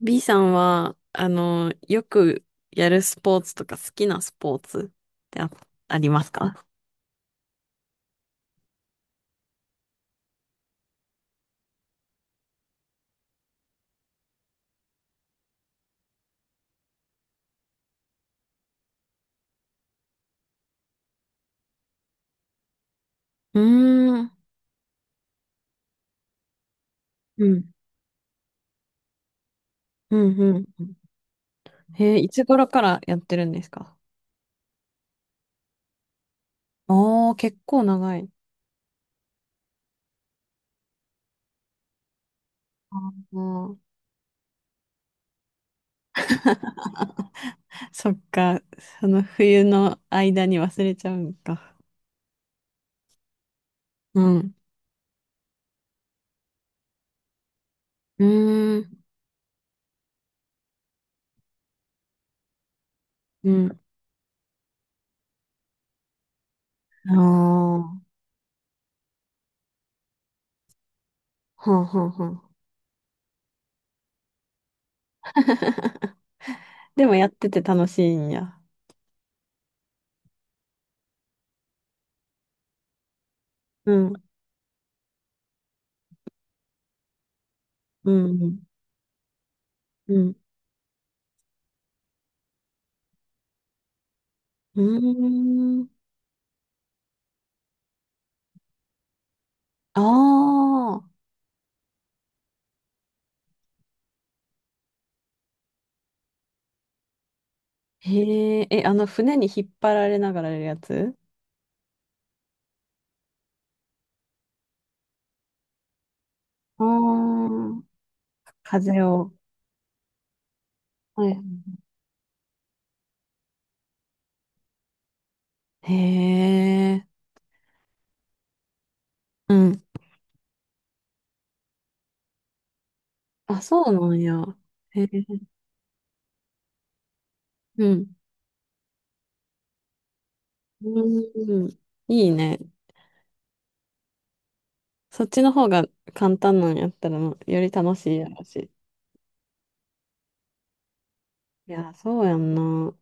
B さんは、よくやるスポーツとか好きなスポーツってありますか？うーん。うん。うん、うん。うん。へえ、いつ頃からやってるんですか？ああー、結構長い。あー。 そっか、その冬の間に忘れちゃうんか。うん。うーん。うん。ああ、はんはんはん。でもやってて楽しいんや。うん、うん、うん。うん。うーん。ああ、へえ、え、あの船に引っ張られながらやるやつ？ああー、風を。はい。へえ、うん。あ、そうなんや。へえ、うん。うん。いいね。そっちの方が簡単なんやったら、より楽しいやろし。いや、そうやんな。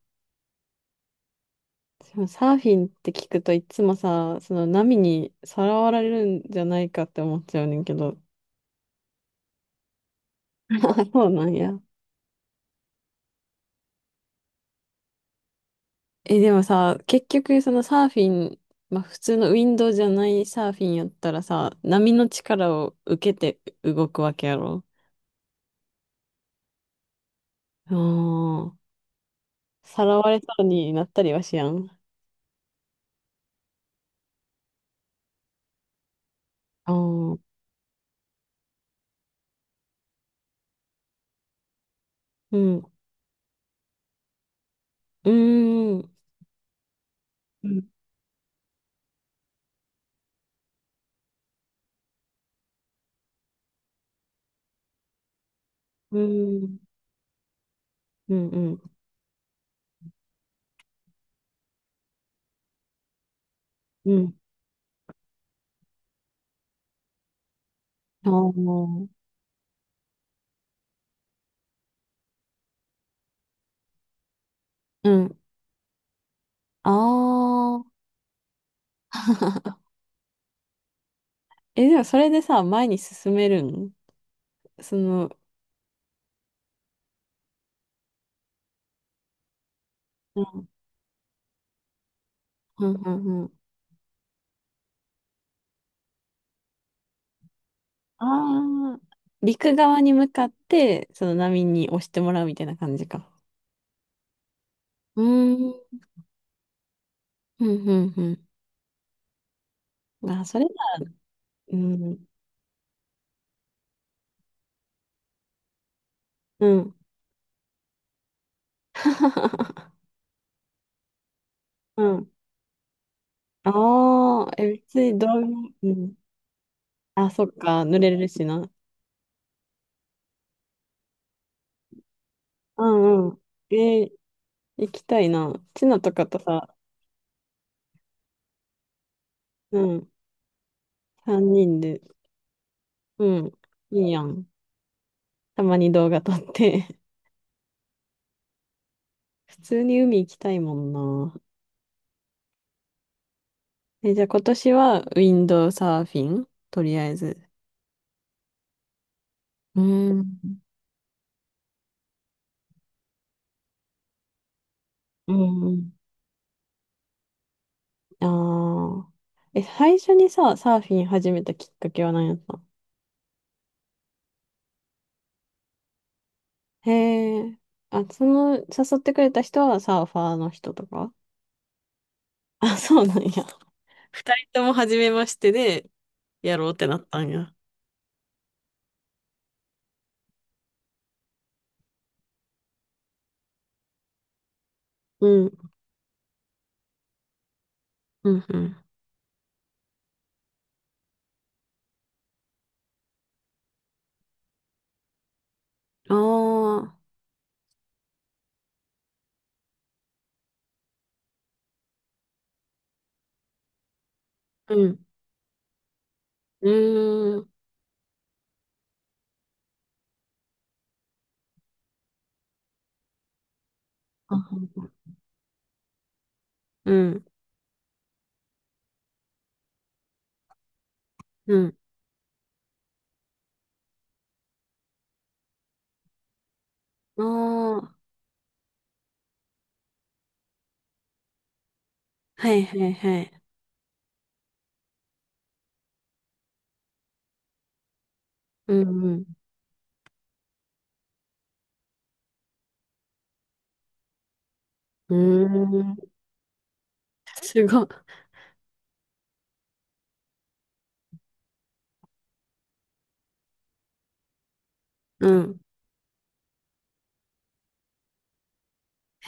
でもサーフィンって聞くといつもさ、その波にさらわれるんじゃないかって思っちゃうねんけど。あ、そうなんや。え、でもさ、結局そのサーフィン、まあ普通のウィンドウじゃないサーフィンやったらさ、波の力を受けて動くわけやろ。ああ、さらわれそうになったりはしやん。ああ、うん、うん、うん、うん、うん、うん、うん、ああー、うん、ああ、え、でもそれでさ、前に進めるん？その、うんうんうんうん。ああ、陸側に向かって、その波に押してもらうみたいな感じか。うーん、うん、うん、うん。あ、それだ。うん、うん。うん。ああ、え、別にどういう、うん。あ、そっか、濡れるしな。うんうん。えー、行きたいな。チナとかとさ、うん、3人で、うん、いいやん。たまに動画撮って。普通に海行きたいもんな。え、じゃあ今年はウィンドサーフィンとりあえず。うーん。うん。ああ。え、最初にさ、サーフィン始めたきっかけは何やったの？へえ。あ、その、誘ってくれた人はサーファーの人とか？あ、そうなんや。二人とも初めましてで、やろうってなったんや。うん。うん、うん。ああ。うん。うーん。あ、うん。うん。ああ。はい、はい、はい。うんうん。うーん。すごい。うん。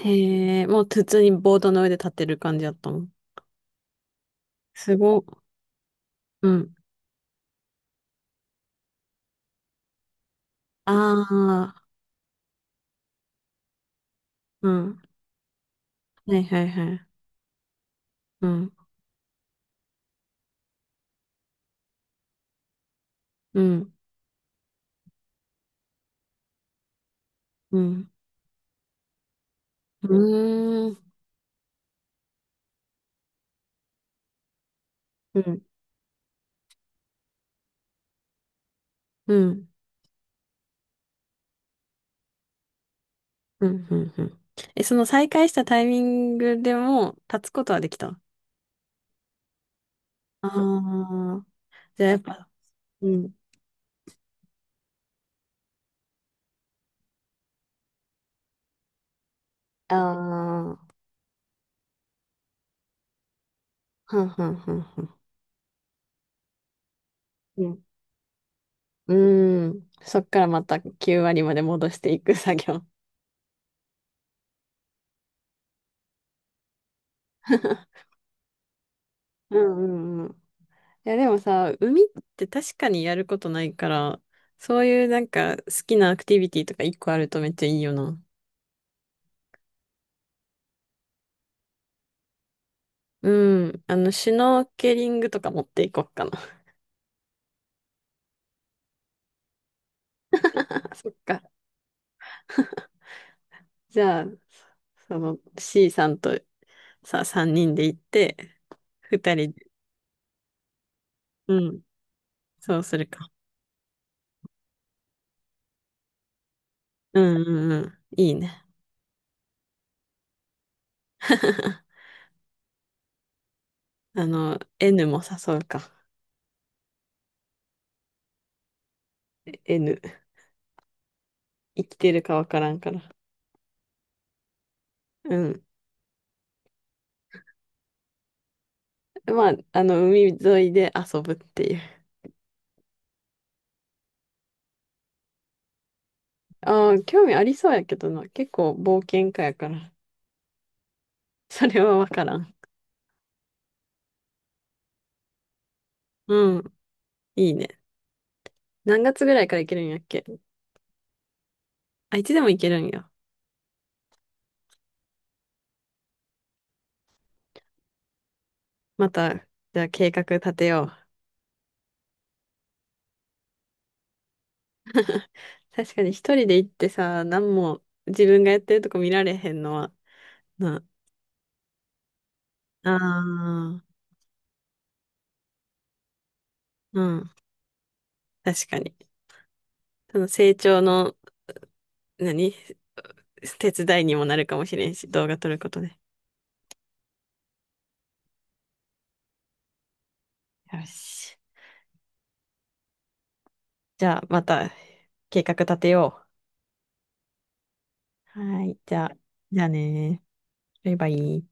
へえ、もう普通にボードの上で立ってる感じだったもん。すごっ。うん。ああ。うん。はいはいはい。うん。うん。うん。うーん。うん。うん。うん。うん。うん。え、その再開したタイミングでも立つことはできた？ああー、じゃあやっぱ、うん。ああ、はんはんはんはん。うん。うーん。そっからまた9割まで戻していく作業。うんうんうん。いや、でもさ、海って確かにやることないから、そういうなんか好きなアクティビティとか一個あるとめっちゃいいよな。うん。あの、シュノーケリングとか持っていこうかな。そっか。じゃあ、その C さんとさ、3人で行って、2人で、うん、そうするか。うんうんうん。いいね。あの、N も誘うか。N。生きてるかわからんから。うん。まあ、あの、海沿いで遊ぶっていう。ああ、興味ありそうやけどな。結構冒険家やから。それはわからん。うん。いいね。何月ぐらいから行けるんやっけ？あ、いつでも行けるんや。また、じゃあ計画立てよう。確かに一人で行ってさ、何も自分がやってるとこ見られへんのは、な。ああ、うん。確かに。その成長の、何手伝いにもなるかもしれんし、動画撮ることで。よし。じゃあ、また計画立てよう。はい。じゃあ、じゃあねー。バイバイ。